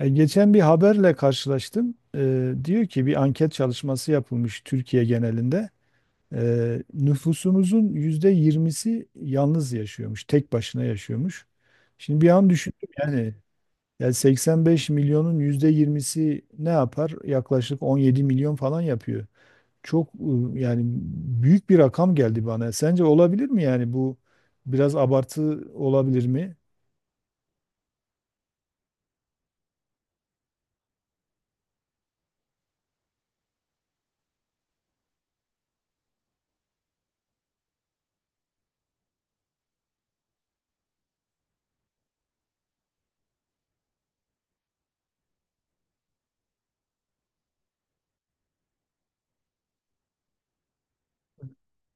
Geçen bir haberle karşılaştım. Diyor ki bir anket çalışması yapılmış Türkiye genelinde. Nüfusumuzun %20'si yalnız yaşıyormuş, tek başına yaşıyormuş. Şimdi bir an düşündüm yani, 85 milyonun %20'si ne yapar? Yaklaşık 17 milyon falan yapıyor. Çok yani büyük bir rakam geldi bana. Sence olabilir mi yani bu biraz abartı olabilir mi?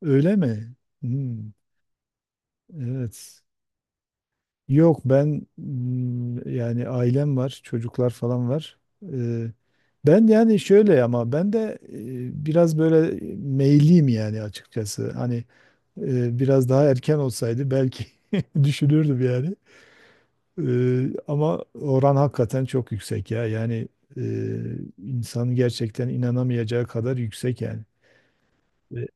Öyle mi? Hmm, evet. Yok ben yani ailem var, çocuklar falan var. Ee, Ben yani şöyle ama ben de biraz böyle meyliyim yani açıkçası. Hani biraz daha erken olsaydı belki düşünürdüm yani. Ama oran hakikaten çok yüksek ya. Yani e, insanın gerçekten inanamayacağı kadar yüksek yani. E,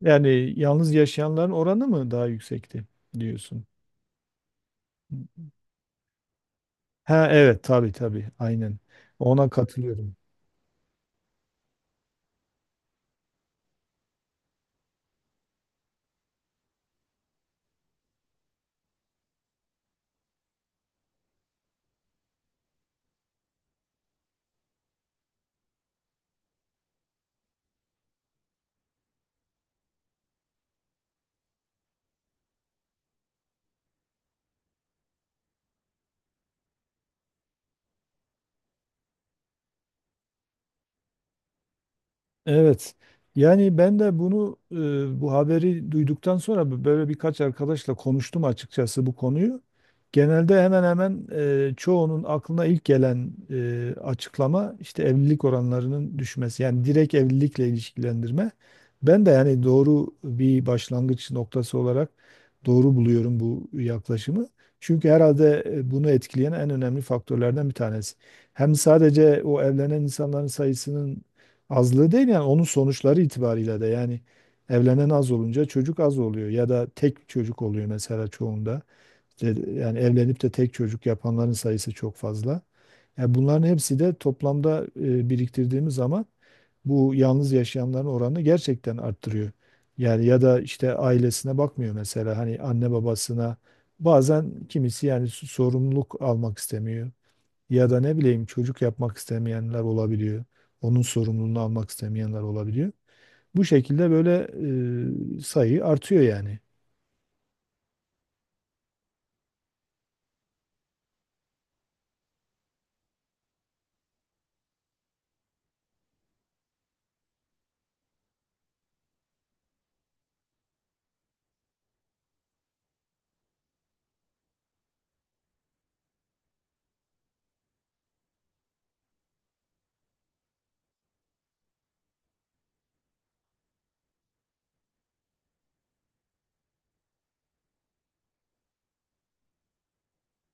Yani yalnız yaşayanların oranı mı daha yüksekti diyorsun? Ha, evet, tabii tabii, aynen. Ona katılıyorum. Evet. Yani ben de bunu bu haberi duyduktan sonra böyle birkaç arkadaşla konuştum açıkçası bu konuyu. Genelde hemen hemen çoğunun aklına ilk gelen açıklama işte evlilik oranlarının düşmesi. Yani direkt evlilikle ilişkilendirme. Ben de yani doğru bir başlangıç noktası olarak doğru buluyorum bu yaklaşımı. Çünkü herhalde bunu etkileyen en önemli faktörlerden bir tanesi. Hem sadece o evlenen insanların sayısının azlığı değil yani onun sonuçları itibariyle de yani evlenen az olunca çocuk az oluyor ya da tek çocuk oluyor mesela çoğunda. İşte yani evlenip de tek çocuk yapanların sayısı çok fazla. Yani bunların hepsi de toplamda biriktirdiğimiz zaman bu yalnız yaşayanların oranını gerçekten arttırıyor. Yani ya da işte ailesine bakmıyor mesela hani anne babasına bazen kimisi yani sorumluluk almak istemiyor. Ya da ne bileyim çocuk yapmak istemeyenler olabiliyor. Onun sorumluluğunu almak istemeyenler olabiliyor. Bu şekilde böyle sayı artıyor yani.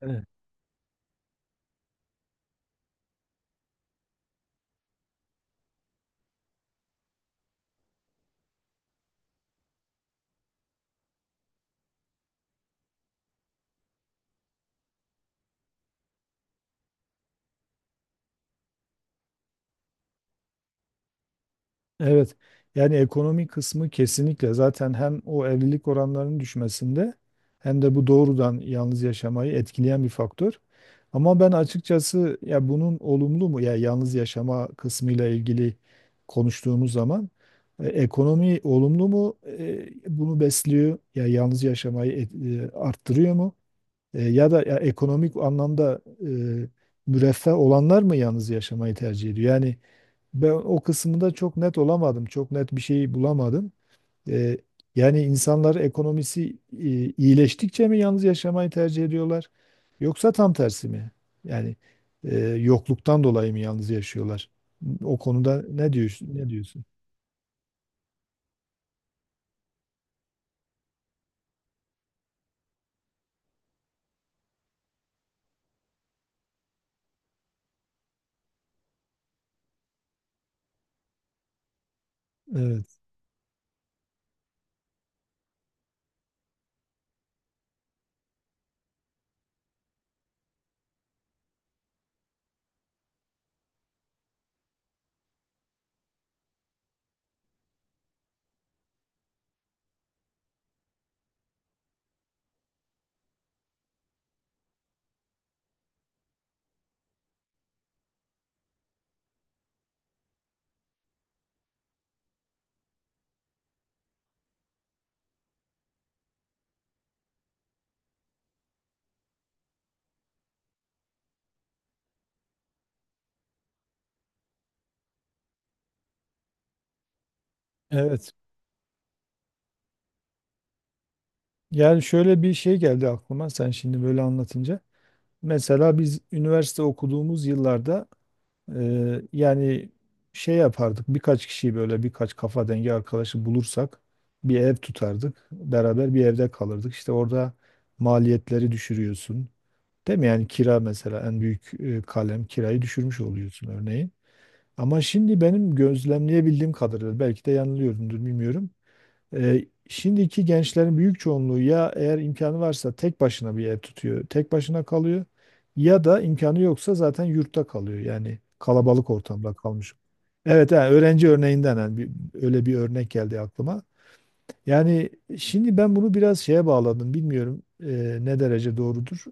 Evet. Evet. Yani ekonomi kısmı kesinlikle zaten hem o evlilik oranlarının düşmesinde hem de bu doğrudan yalnız yaşamayı etkileyen bir faktör. Ama ben açıkçası ya bunun olumlu mu ya yalnız yaşama kısmıyla ilgili konuştuğumuz zaman ekonomi olumlu mu, bunu besliyor ya yalnız yaşamayı arttırıyor mu? Ya da ya ekonomik anlamda müreffeh olanlar mı yalnız yaşamayı tercih ediyor? Yani ben o kısmında çok net olamadım, çok net bir şey bulamadım. E, Yani insanlar ekonomisi iyileştikçe mi yalnız yaşamayı tercih ediyorlar? Yoksa tam tersi mi? Yani yokluktan dolayı mı yalnız yaşıyorlar? O konuda ne diyorsun? Ne diyorsun? Evet. Evet. Yani şöyle bir şey geldi aklıma sen şimdi böyle anlatınca. Mesela biz üniversite okuduğumuz yıllarda yani şey yapardık, birkaç kişiyi böyle, birkaç kafa dengi arkadaşı bulursak bir ev tutardık. Beraber bir evde kalırdık. İşte orada maliyetleri düşürüyorsun. Değil mi? Yani kira mesela en büyük kalem, kirayı düşürmüş oluyorsun örneğin. Ama şimdi benim gözlemleyebildiğim kadarıyla, belki de yanılıyorumdur bilmiyorum, şimdiki gençlerin büyük çoğunluğu ya eğer imkanı varsa tek başına bir ev tutuyor, tek başına kalıyor, ya da imkanı yoksa zaten yurtta kalıyor. Yani kalabalık ortamda kalmış. Evet, yani öğrenci örneğinden yani öyle bir örnek geldi aklıma. Yani şimdi ben bunu biraz şeye bağladım. Bilmiyorum ne derece doğrudur.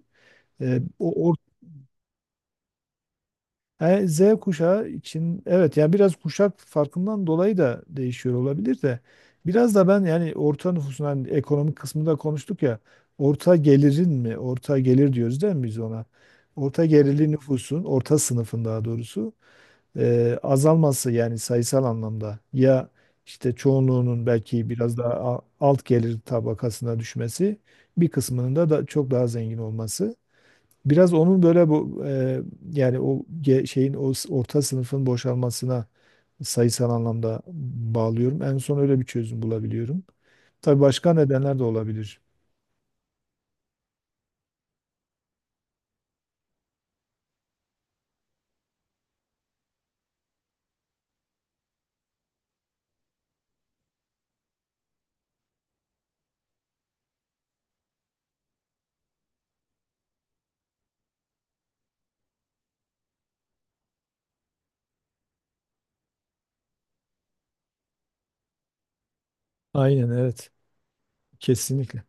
E, o, Yani Z kuşağı için evet, yani biraz kuşak farkından dolayı da değişiyor olabilir, de biraz da ben yani orta nüfusun, hani ekonomik kısmında konuştuk ya, orta gelirin mi, orta gelir diyoruz değil mi biz ona? Orta gelirli nüfusun, orta sınıfın daha doğrusu azalması yani sayısal anlamda ya, işte çoğunluğunun belki biraz daha alt gelir tabakasına düşmesi, bir kısmının da çok daha zengin olması. Biraz onun böyle bu yani o şeyin, o orta sınıfın boşalmasına sayısal anlamda bağlıyorum. En son öyle bir çözüm bulabiliyorum. Tabii başka nedenler de olabilir. Aynen evet. Kesinlikle.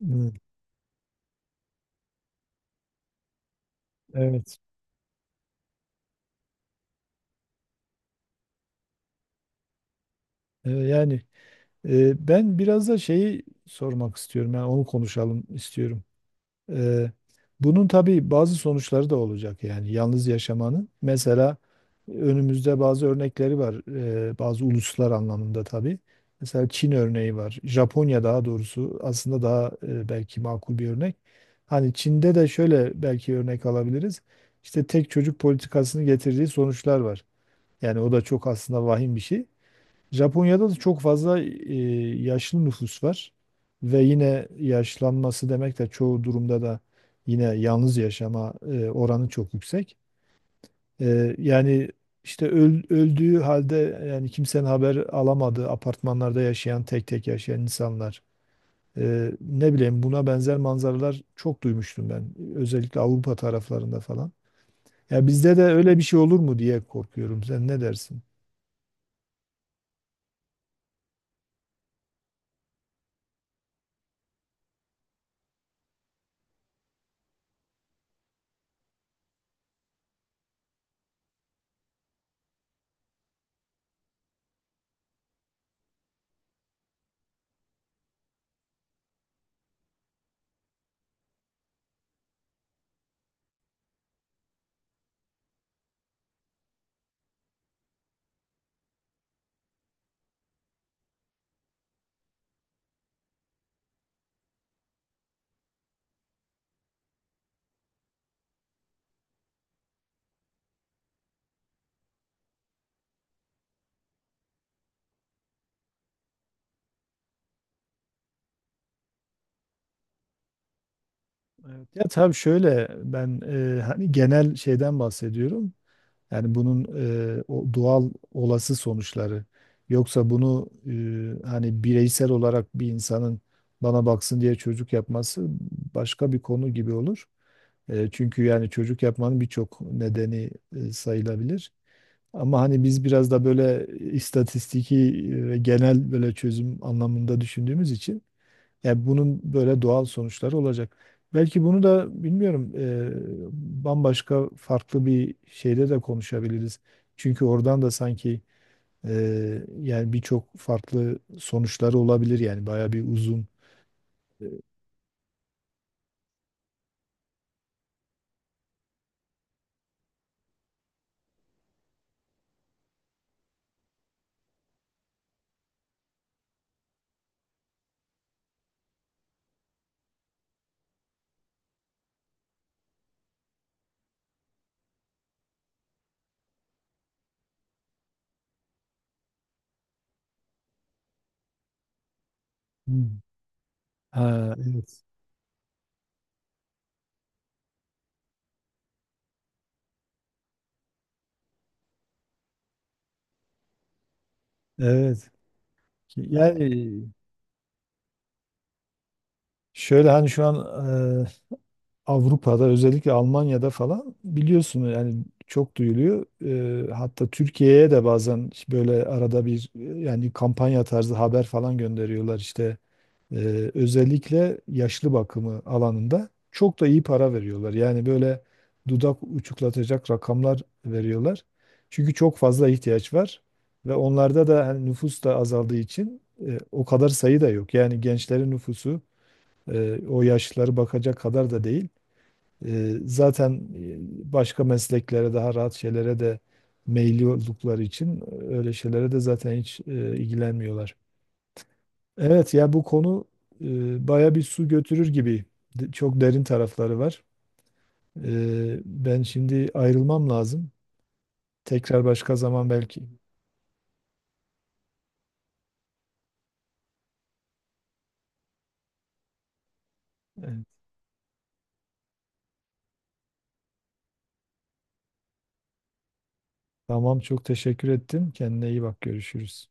Hı, evet. Yani ben biraz da şeyi sormak istiyorum. Yani onu konuşalım istiyorum. Ee, Bunun tabii bazı sonuçları da olacak yani yalnız yaşamanın. Mesela önümüzde bazı örnekleri var. Bazı uluslar anlamında tabii. Mesela Çin örneği var. Japonya daha doğrusu aslında daha belki makul bir örnek. Hani Çin'de de şöyle belki örnek alabiliriz. İşte tek çocuk politikasını getirdiği sonuçlar var. Yani o da çok aslında vahim bir şey. Japonya'da da çok fazla yaşlı nüfus var ve yine yaşlanması demek de çoğu durumda da yine yalnız yaşama oranı çok yüksek. Yani işte öldüğü halde yani kimsenin haber alamadığı apartmanlarda yaşayan, tek tek yaşayan insanlar. Ne bileyim buna benzer manzaralar çok duymuştum ben, özellikle Avrupa taraflarında falan. Ya bizde de öyle bir şey olur mu diye korkuyorum. Sen ne dersin? Evet. Ya tabii şöyle, ben hani genel şeyden bahsediyorum. Yani bunun o doğal olası sonuçları. Yoksa bunu hani bireysel olarak bir insanın bana baksın diye çocuk yapması başka bir konu gibi olur. Çünkü yani çocuk yapmanın birçok nedeni sayılabilir. Ama hani biz biraz da böyle istatistiki ve genel böyle çözüm anlamında düşündüğümüz için, yani bunun böyle doğal sonuçları olacak. Belki bunu da bilmiyorum bambaşka farklı bir şeyde de konuşabiliriz. Çünkü oradan da sanki e, yani birçok farklı sonuçları olabilir, yani bayağı bir uzun. Hmm. Ha, evet. Evet. Yani şöyle, hani şu an e, Avrupa'da özellikle Almanya'da falan biliyorsun yani çok duyuluyor. Hatta Türkiye'ye de bazen böyle arada bir yani kampanya tarzı haber falan gönderiyorlar işte. Özellikle yaşlı bakımı alanında çok da iyi para veriyorlar. Yani böyle dudak uçuklatacak rakamlar veriyorlar. Çünkü çok fazla ihtiyaç var ve onlarda da, hani nüfus da azaldığı için o kadar sayı da yok. Yani gençlerin nüfusu o yaşlıları bakacak kadar da değil. Zaten başka mesleklere, daha rahat şeylere de meyilli oldukları için öyle şeylere de zaten hiç ilgilenmiyorlar. Evet ya, bu konu baya bir su götürür gibi. Çok derin tarafları var. Ben şimdi ayrılmam lazım. Tekrar başka zaman belki. Evet. Tamam, çok teşekkür ettim. Kendine iyi bak, görüşürüz.